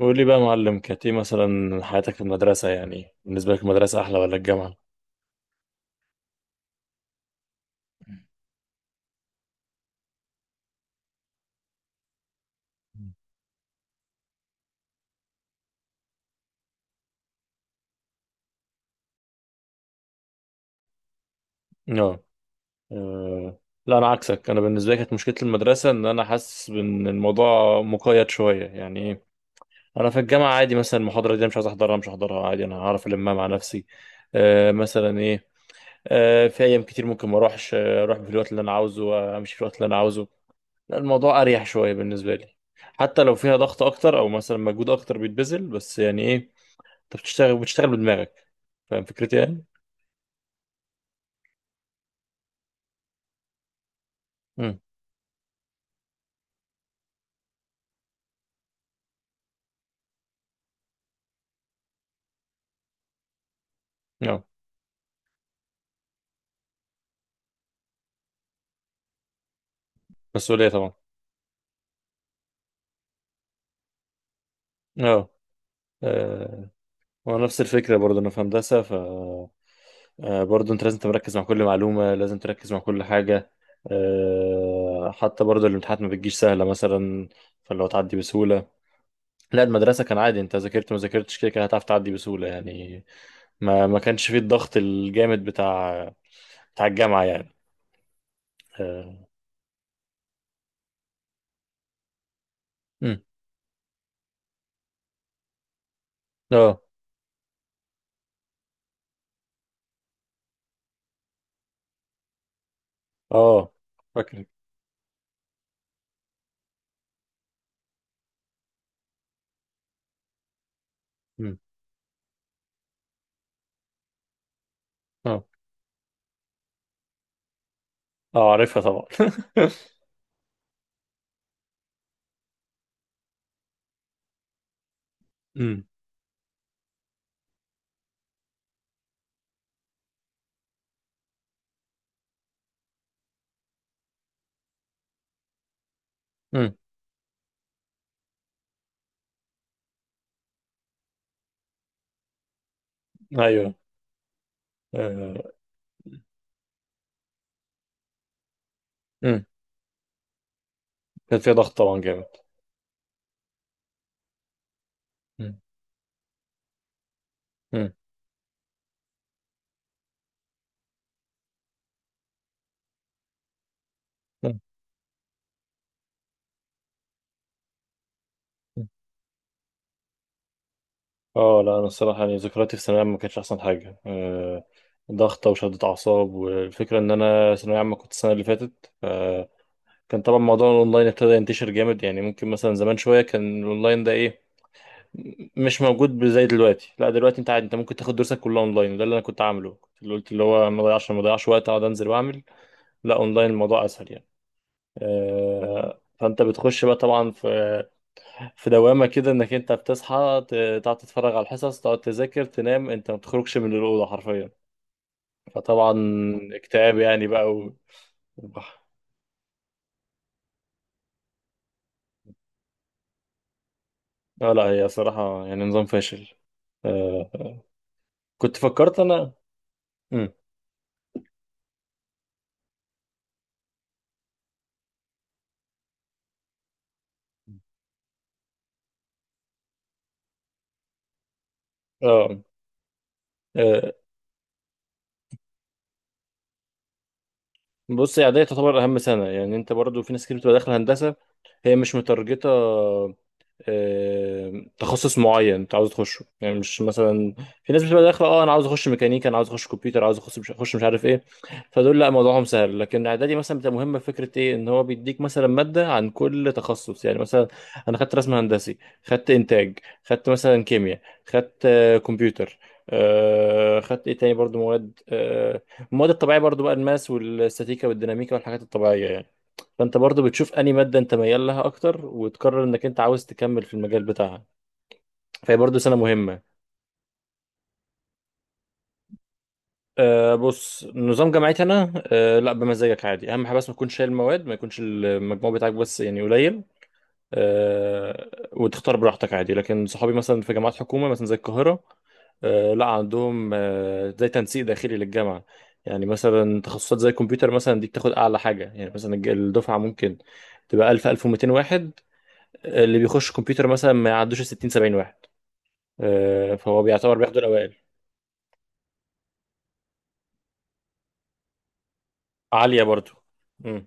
قول لي بقى يا معلم، كانت ايه مثلا حياتك في المدرسة؟ يعني بالنسبة لك المدرسة أحلى ولا الجامعة؟ اه. آه. لا، أنا عكسك. أنا بالنسبة لي كانت مشكلة المدرسة إن أنا حاسس إن الموضوع مقيد شوية يعني إيه. أنا في الجامعة عادي، مثلا المحاضرة دي أنا مش عايز أحضرها، مش هحضرها عادي، أنا هعرف ألمها مع نفسي. آه مثلا إيه. آه في أيام كتير ممكن ما أروحش، أروح في الوقت اللي أنا عاوزه، أمشي في الوقت اللي أنا عاوزه. لا، الموضوع أريح شوية بالنسبة لي، حتى لو فيها ضغط أكتر أو مثلا مجهود أكتر بيتبذل، بس يعني إيه. انت بتشتغل بدماغك. فاهم فكرتي يعني؟ امم. اه. مسؤولية طبعا. اه. آه، ونفس الفكرة برضه أنا في هندسة. برضه أنت لازم تركز مع كل معلومة، لازم تركز مع كل حاجة. حتى برضه الامتحانات ما بتجيش سهلة مثلا، فلو تعدي بسهولة. لا المدرسة كان عادي، أنت ذاكرت ما ذاكرتش كده كده هتعرف تعدي بسهولة يعني. ما كانش فيه الضغط الجامد بتاع، بتاع الجامعة يعني. اه. مم. اه. آه، فاكر. مم. اه. اه عارفها طبعا. امم. امم. ايوه. آه،. امم. كان فيها ضغط طبعا جامد. امم. امم. أمم. اه لا انا الصراحه يعني ذكرياتي في ثانويه عامه ما كانتش احسن حاجه، ضغطه وشده اعصاب. والفكره ان انا ثانويه عامه كنت السنه اللي فاتت، كان طبعا موضوع الاونلاين ابتدى ينتشر جامد. يعني ممكن مثلا زمان شويه كان الاونلاين ده ايه، مش موجود زي دلوقتي. لا دلوقتي انت عادي، انت ممكن تاخد دروسك كلها اونلاين، وده اللي انا كنت عامله، كنت اللي قلت اللي هو ما ضيعش وقت اقعد انزل واعمل. لا اونلاين الموضوع اسهل يعني. فانت بتخش بقى طبعا في دوامه كده، انك انت بتصحى، تقعد تتفرج على الحصص، تقعد تذاكر، تنام، انت ما بتخرجش من الاوضه حرفيا. فطبعا اكتئاب يعني بقى. لا لا، هي صراحه يعني نظام فاشل. آه، كنت فكرت انا. مم. اه. آه، بص هي اعدادي تعتبر اهم سنه، يعني انت برضو في ناس كتير بتبقى داخله هندسه، هي مش متارجته آه، تخصص معين انت عاوز تخشه، يعني مش مثلا في ناس بتبقى داخله اه انا عاوز اخش ميكانيكا، انا عاوز اخش كمبيوتر، عاوز اخش مش اخش مش عارف ايه. فدول لا موضوعهم سهل، لكن اعدادي مثلا بتبقى مهمه، فكره ايه ان هو بيديك مثلا ماده عن كل تخصص، يعني مثلا انا خدت رسم هندسي، خدت انتاج، خدت مثلا كيمياء، خدت كمبيوتر، آه خدت ايه تاني برضو مواد آه، المواد الطبيعيه برضو بقى الماس والستاتيكا والديناميكا والحاجات الطبيعيه يعني. فانت برضو بتشوف انهي ماده انت ميال لها اكتر وتقرر انك انت عاوز تكمل في المجال بتاعها، فهي برضو سنه مهمه. أه بص نظام جامعتي انا أه لا بمزاجك عادي، اهم حاجه بس ما تكونش شايل مواد، ما يكونش المجموع بتاعك بس يعني قليل. أه، وتختار براحتك عادي. لكن صحابي مثلا في جامعات حكومه مثلا زي القاهره، أه لا عندهم أه زي تنسيق داخلي للجامعه. يعني مثلا تخصصات زي الكمبيوتر مثلا دي بتاخد اعلى حاجه، يعني مثلا الدفعه ممكن تبقى 1000 1200 واحد، اللي بيخش الكمبيوتر مثلا ما يعدوش 60 70 واحد. فهو بيعتبر بياخدوا الاوائل. عاليه برضو. مم.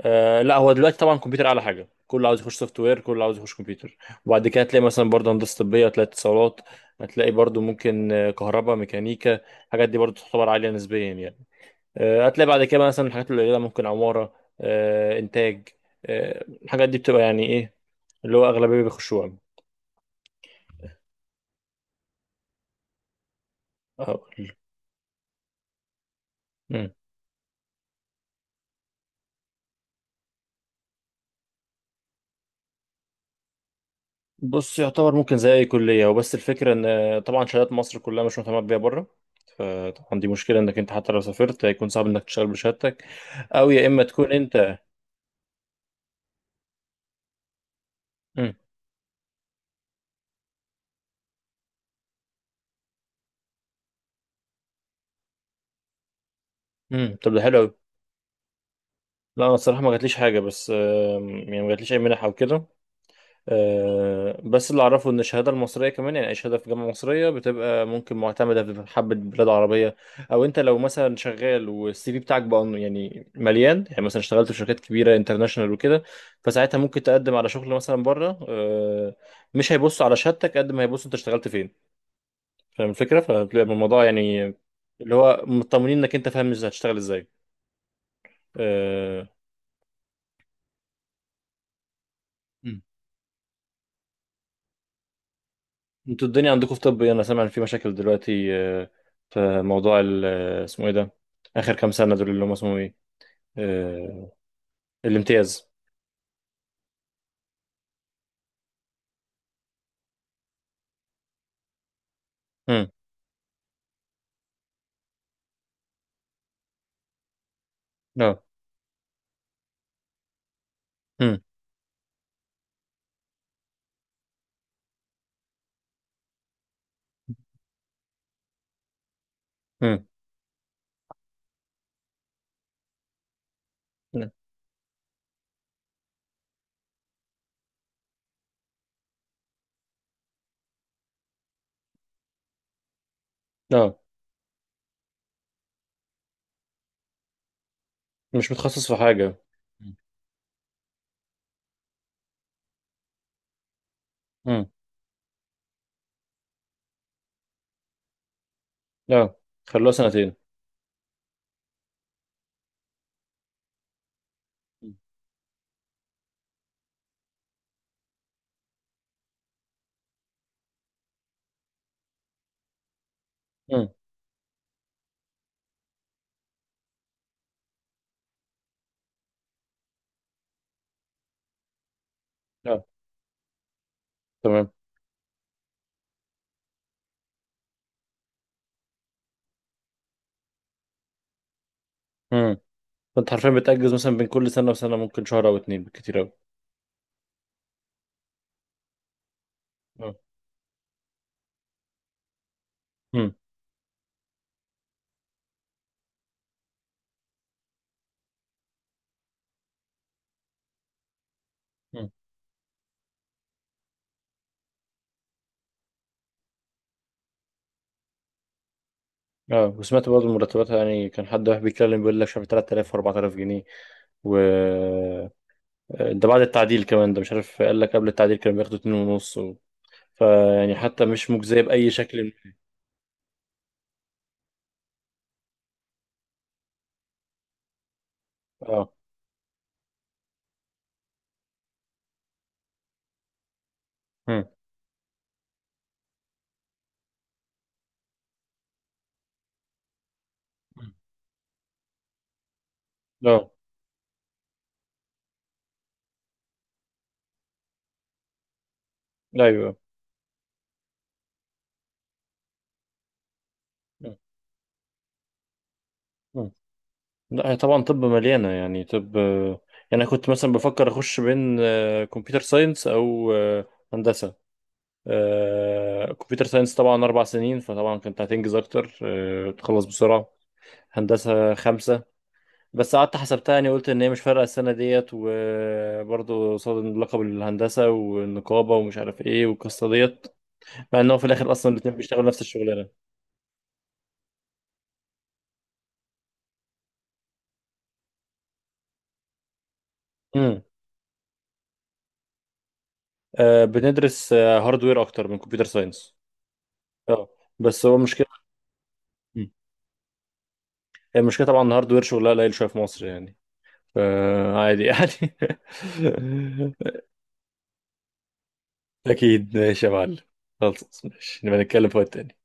لا هو دلوقتي طبعا الكمبيوتر اعلى حاجه، كله عاوز يخش سوفت وير، كله عاوز يخش كمبيوتر. وبعد كده هتلاقي مثلا برضه هندسه طبيه، هتلاقي اتصالات، هتلاقي برضه ممكن كهرباء، ميكانيكا. الحاجات دي برضه تعتبر عاليه نسبيا يعني. هتلاقي بعد كده مثلا الحاجات القليله ممكن عماره، انتاج، الحاجات دي بتبقى يعني ايه اللي هو اغلبيه بيخشوها. أه. بص يعتبر ممكن زي اي كليه، وبس الفكره ان طبعا شهادات مصر كلها مش مهتمه بيها بره. فطبعا دي مشكله انك انت حتى لو سافرت هيكون صعب انك تشتغل بشهادتك، او يا اما تكون انت. امم. طب ده حلو قوي. لا انا الصراحه ما جاتليش حاجه، بس يعني ما جاتليش اي منح او كده. بس اللي اعرفه ان الشهاده المصريه كمان، يعني اي شهاده في جامعه مصريه بتبقى ممكن معتمده في حبه بلاد عربيه. او انت لو مثلا شغال والسي في بتاعك بقى يعني مليان، يعني مثلا اشتغلت في شركات كبيره انترناشونال وكده، فساعتها ممكن تقدم على شغل مثلا بره. مش هيبصوا على شهادتك قد ما هيبصوا انت اشتغلت فين، فاهم الفكره، فبتبقى الموضوع يعني اللي هو مطمنين انك انت فاهم ازاي هتشتغل ازاي. آه، انتوا الدنيا عندكم في طب ايه؟ انا سامع ان في مشاكل دلوقتي في موضوع اسمه ايه ده، اخر كام سنه دول اللي هم اسمه ايه، آه، الامتياز. امم. لا. امم. امم. لا، مش متخصص في حاجه. امم. لا، خلوها سنتين. امم. لا، تمام. امم. فانت حرفيا بتأجز مثلا بين كل سنه وسنه ممكن شهر او اتنين بالكتير قوي. اه. امم. امم. اه وسمعت برضه المرتبات، يعني كان حد واحد بيتكلم بيقول لك شهر 3000 و4000 جنيه و ده بعد التعديل كمان، ده مش عارف قال لك قبل التعديل كانوا بياخدوا 2.5 . فيعني حتى مش مجزية بأي شكل. اه. مم. اه. ايوه. مم. مم. لا هي طبعا طب مليانة يعني طب. يعني انا كنت مثلا بفكر اخش بين كمبيوتر ساينس او هندسة. كمبيوتر ساينس طبعا 4 سنين، فطبعا كنت هتنجز اكتر، تخلص بسرعة. هندسة 5. بس قعدت حسبتها، يعني قلت ان هي مش فارقه السنه ديت، وبرضه قصاد لقب الهندسه والنقابه ومش عارف ايه والقصه ديت، مع ان هو في الاخر اصلا الاثنين بيشتغلوا نفس الشغلانه. امم. آه بندرس آه هاردوير اكتر من كمبيوتر ساينس. اه بس هو المشكله. مم. المشكله طبعا ان الهاردوير شغلها قليل شويه في مصر يعني، فعادي يعني. اكيد ماشي يا معلم، خلاص ماشي نبقى نتكلم في وقت تاني.